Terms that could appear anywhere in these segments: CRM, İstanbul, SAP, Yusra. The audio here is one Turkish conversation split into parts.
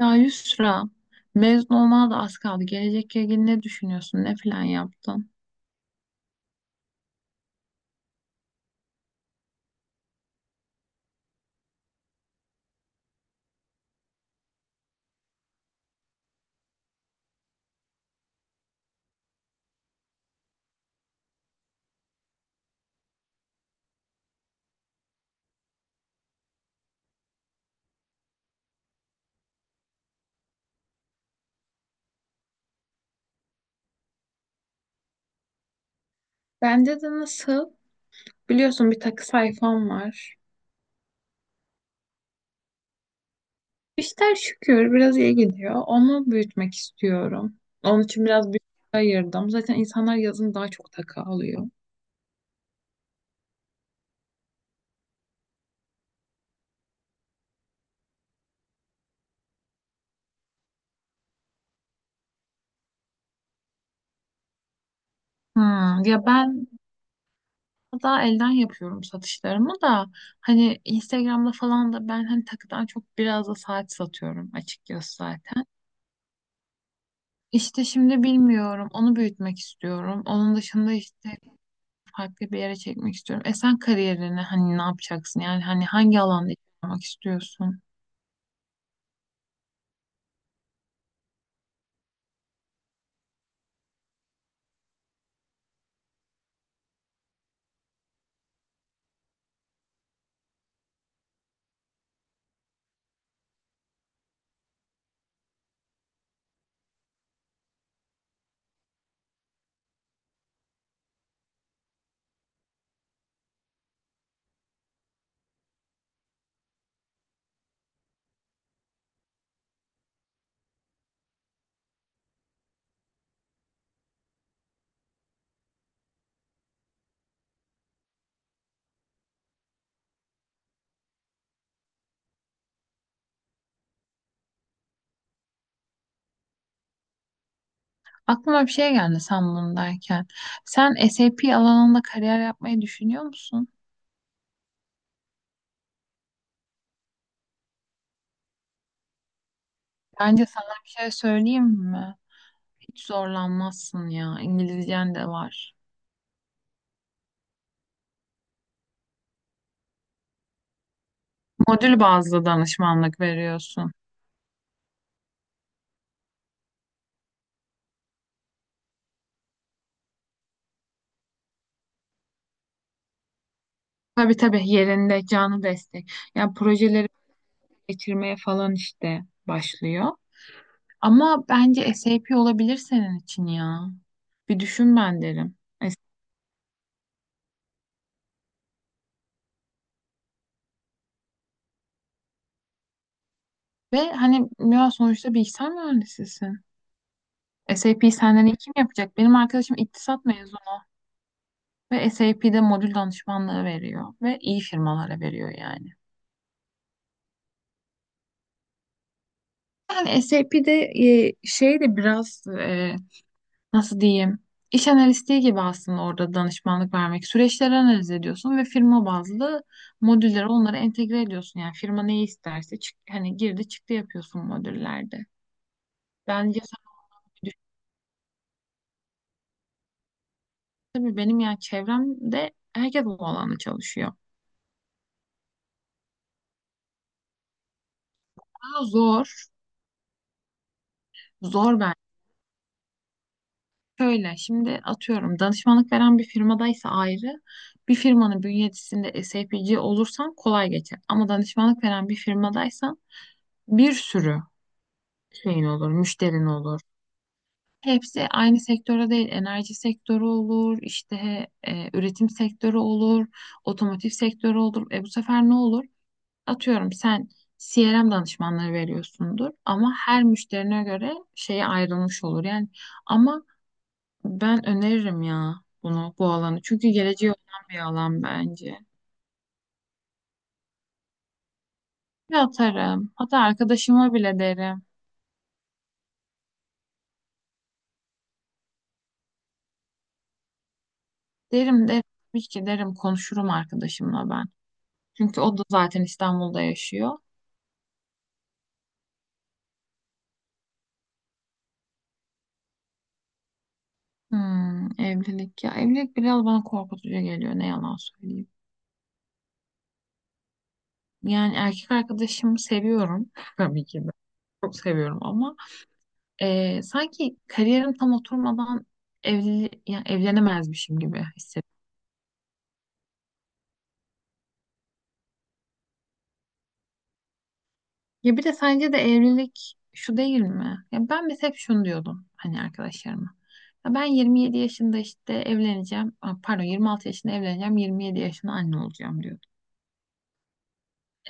Ya Yusra, mezun olmana da az kaldı. Gelecekle ilgili ne düşünüyorsun? Ne plan yaptın? Bende de nasıl? Biliyorsun bir takı sayfam var. İşler şükür biraz iyi gidiyor. Onu büyütmek istiyorum. Onun için biraz bütçe ayırdım. Zaten insanlar yazın daha çok takı alıyor. Hmm, ya ben daha elden yapıyorum satışlarımı da hani Instagram'da falan da ben hani takıdan çok biraz da saat satıyorum açıkçası zaten. İşte şimdi bilmiyorum. Onu büyütmek istiyorum. Onun dışında işte farklı bir yere çekmek istiyorum. E sen kariyerini hani ne yapacaksın? Yani hani hangi alanda yapmak istiyorsun? Aklıma bir şey geldi sen bunu derken. Sen SAP alanında kariyer yapmayı düşünüyor musun? Bence sana bir şey söyleyeyim mi? Hiç zorlanmazsın ya. İngilizcen de var. Modül bazlı danışmanlık veriyorsun. Tabii tabii, yerinde canlı destek. Yani projeleri geçirmeye falan işte başlıyor. Ama bence SAP olabilir senin için ya. Bir düşün ben derim. Es- Ve hani ya sonuçta bilgisayar mühendisisin. SAP'yi senden iyi kim yapacak? Benim arkadaşım iktisat mezunu ve SAP'de modül danışmanlığı veriyor ve iyi firmalara veriyor yani. Yani SAP'de şey de biraz nasıl diyeyim? İş analistliği gibi aslında orada danışmanlık vermek. Süreçleri analiz ediyorsun ve firma bazlı modülleri onlara entegre ediyorsun. Yani firma neyi isterse çık, hani girdi çıktı yapıyorsun modüllerde. Bence sen bir düşün. Tabii benim yani çevremde herkes bu alanda çalışıyor. Ama zor. Zor ben. Şöyle şimdi atıyorum danışmanlık veren bir firmadaysa ayrı, bir firmanın bünyesinde SAPC olursan kolay geçer. Ama danışmanlık veren bir firmadaysan bir sürü şeyin olur, müşterin olur. Hepsi aynı sektörde değil. Enerji sektörü olur, işte üretim sektörü olur, otomotiv sektörü olur. E bu sefer ne olur? Atıyorum sen CRM danışmanlığı veriyorsundur ama her müşterine göre şeye ayrılmış olur. Yani ama ben öneririm ya bunu, bu alanı. Çünkü geleceği olan bir alan bence. Bir atarım. Hatta arkadaşıma bile derim. Derim. Tabii ki derim, konuşurum arkadaşımla ben. Çünkü o da zaten İstanbul'da yaşıyor. Hmm, evlilik ya evlilik biraz bana korkutucu geliyor, ne yalan söyleyeyim. Yani erkek arkadaşımı seviyorum tabii ki de çok seviyorum ama sanki kariyerim tam oturmadan evli yani evlenemezmişim gibi hissediyorum. Ya bir de sence de evlilik şu değil mi? Ya ben mesela hep şunu diyordum hani arkadaşlarıma. Ya ben 27 yaşında işte evleneceğim. Aa, pardon, 26 yaşında evleneceğim. 27 yaşında anne olacağım diyordum.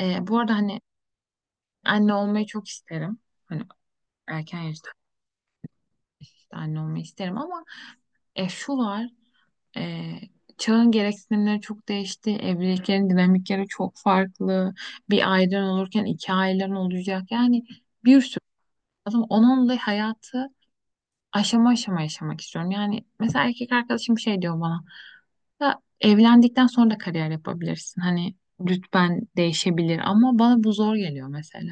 Bu arada hani anne olmayı çok isterim. Hani erken yaşta işte anne olmayı isterim ama e, şu var e, çağın gereksinimleri çok değişti. Evliliklerin dinamikleri çok farklı. Bir ailen olurken iki ailen olacak. Yani bir sürü lazım. Onunla hayatı aşama aşama yaşamak istiyorum. Yani mesela erkek arkadaşım şey diyor bana. Ya evlendikten sonra da kariyer yapabilirsin. Hani rütben değişebilir ama bana bu zor geliyor mesela.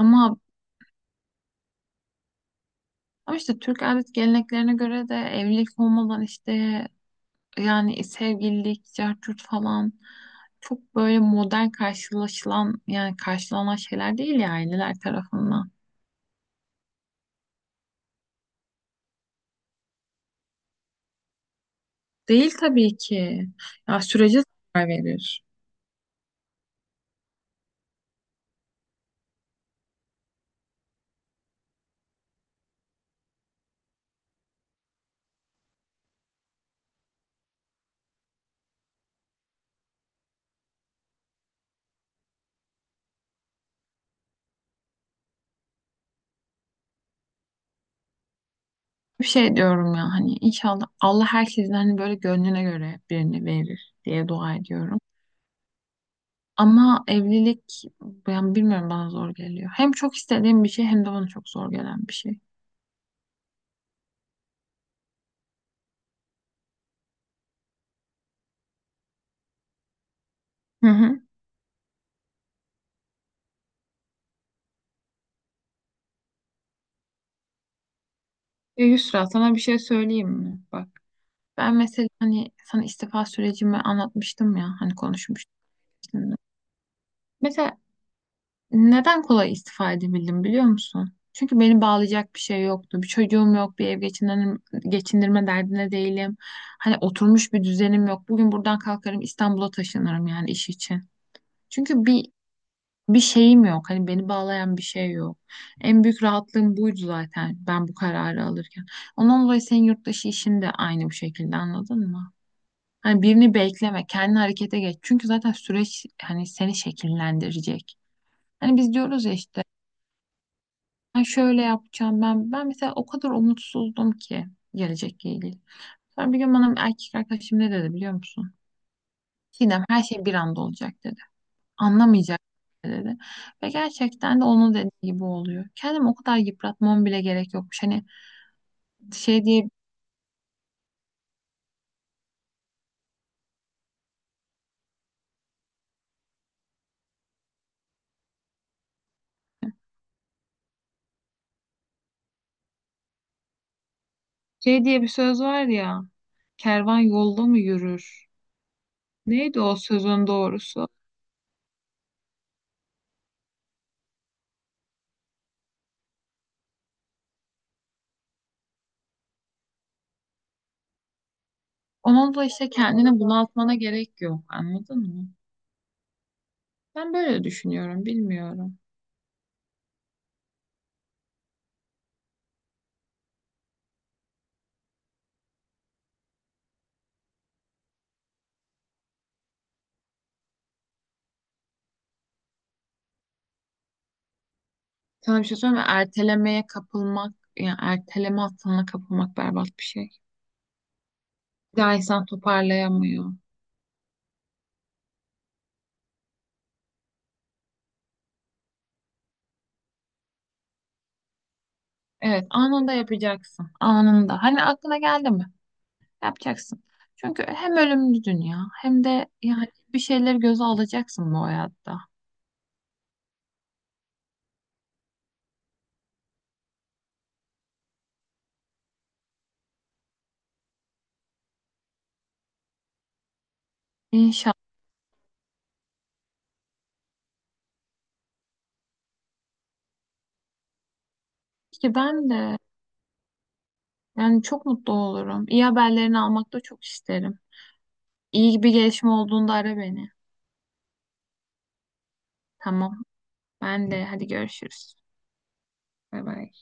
Ama ama işte Türk adet geleneklerine göre de evlilik olmadan işte yani sevgililik, cart falan çok böyle modern karşılaşılan yani karşılanan şeyler değil ya aileler tarafından. Değil tabii ki. Ya sürece zarar verir. Bir şey diyorum ya, hani inşallah Allah herkesin hani böyle gönlüne göre birini verir diye dua ediyorum. Ama evlilik ben bilmiyorum, bana zor geliyor. Hem çok istediğim bir şey hem de bana çok zor gelen bir şey. Hı hı. Yusra sana bir şey söyleyeyim mi? Bak. Ben mesela hani sana istifa sürecimi anlatmıştım ya, hani konuşmuştum seninle. Mesela neden kolay istifa edebildim biliyor musun? Çünkü beni bağlayacak bir şey yoktu. Bir çocuğum yok, bir ev geçindirme, derdine değilim. Hani oturmuş bir düzenim yok. Bugün buradan kalkarım İstanbul'a taşınırım yani iş için. Çünkü bir şeyim yok. Hani beni bağlayan bir şey yok. En büyük rahatlığım buydu zaten ben bu kararı alırken. Ondan dolayı senin yurt dışı işin de aynı bu şekilde, anladın mı? Hani birini bekleme, kendi harekete geç. Çünkü zaten süreç hani seni şekillendirecek. Hani biz diyoruz ya işte ben şöyle yapacağım ben. Ben mesela o kadar umutsuzdum ki gelecekle ilgili. Sonra bir gün bana bir erkek arkadaşım ne dedi biliyor musun? Sinem, her şey bir anda olacak dedi. Anlamayacak dedi. Ve gerçekten de onun dediği gibi oluyor. Kendimi o kadar yıpratmam bile gerek yokmuş. Hani şey diye şey diye bir söz var ya. Kervan yolda mı yürür? Neydi o sözün doğrusu? Onun da işte kendini bunaltmana gerek yok. Anladın mı? Ben böyle düşünüyorum. Bilmiyorum. Sana bir şey söyleyeyim mi? Ertelemeye kapılmak, yani erteleme hastalığına kapılmak berbat bir şey. Bir daha insan toparlayamıyor. Evet, anında yapacaksın. Anında. Hani aklına geldi mi? Yapacaksın. Çünkü hem ölümlü dünya hem de yani bir şeyleri göze alacaksın bu hayatta. İnşallah ki ben de yani çok mutlu olurum. İyi haberlerini almak da çok isterim. İyi bir gelişme olduğunda ara beni. Tamam. Ben de, hadi görüşürüz. Bay bay.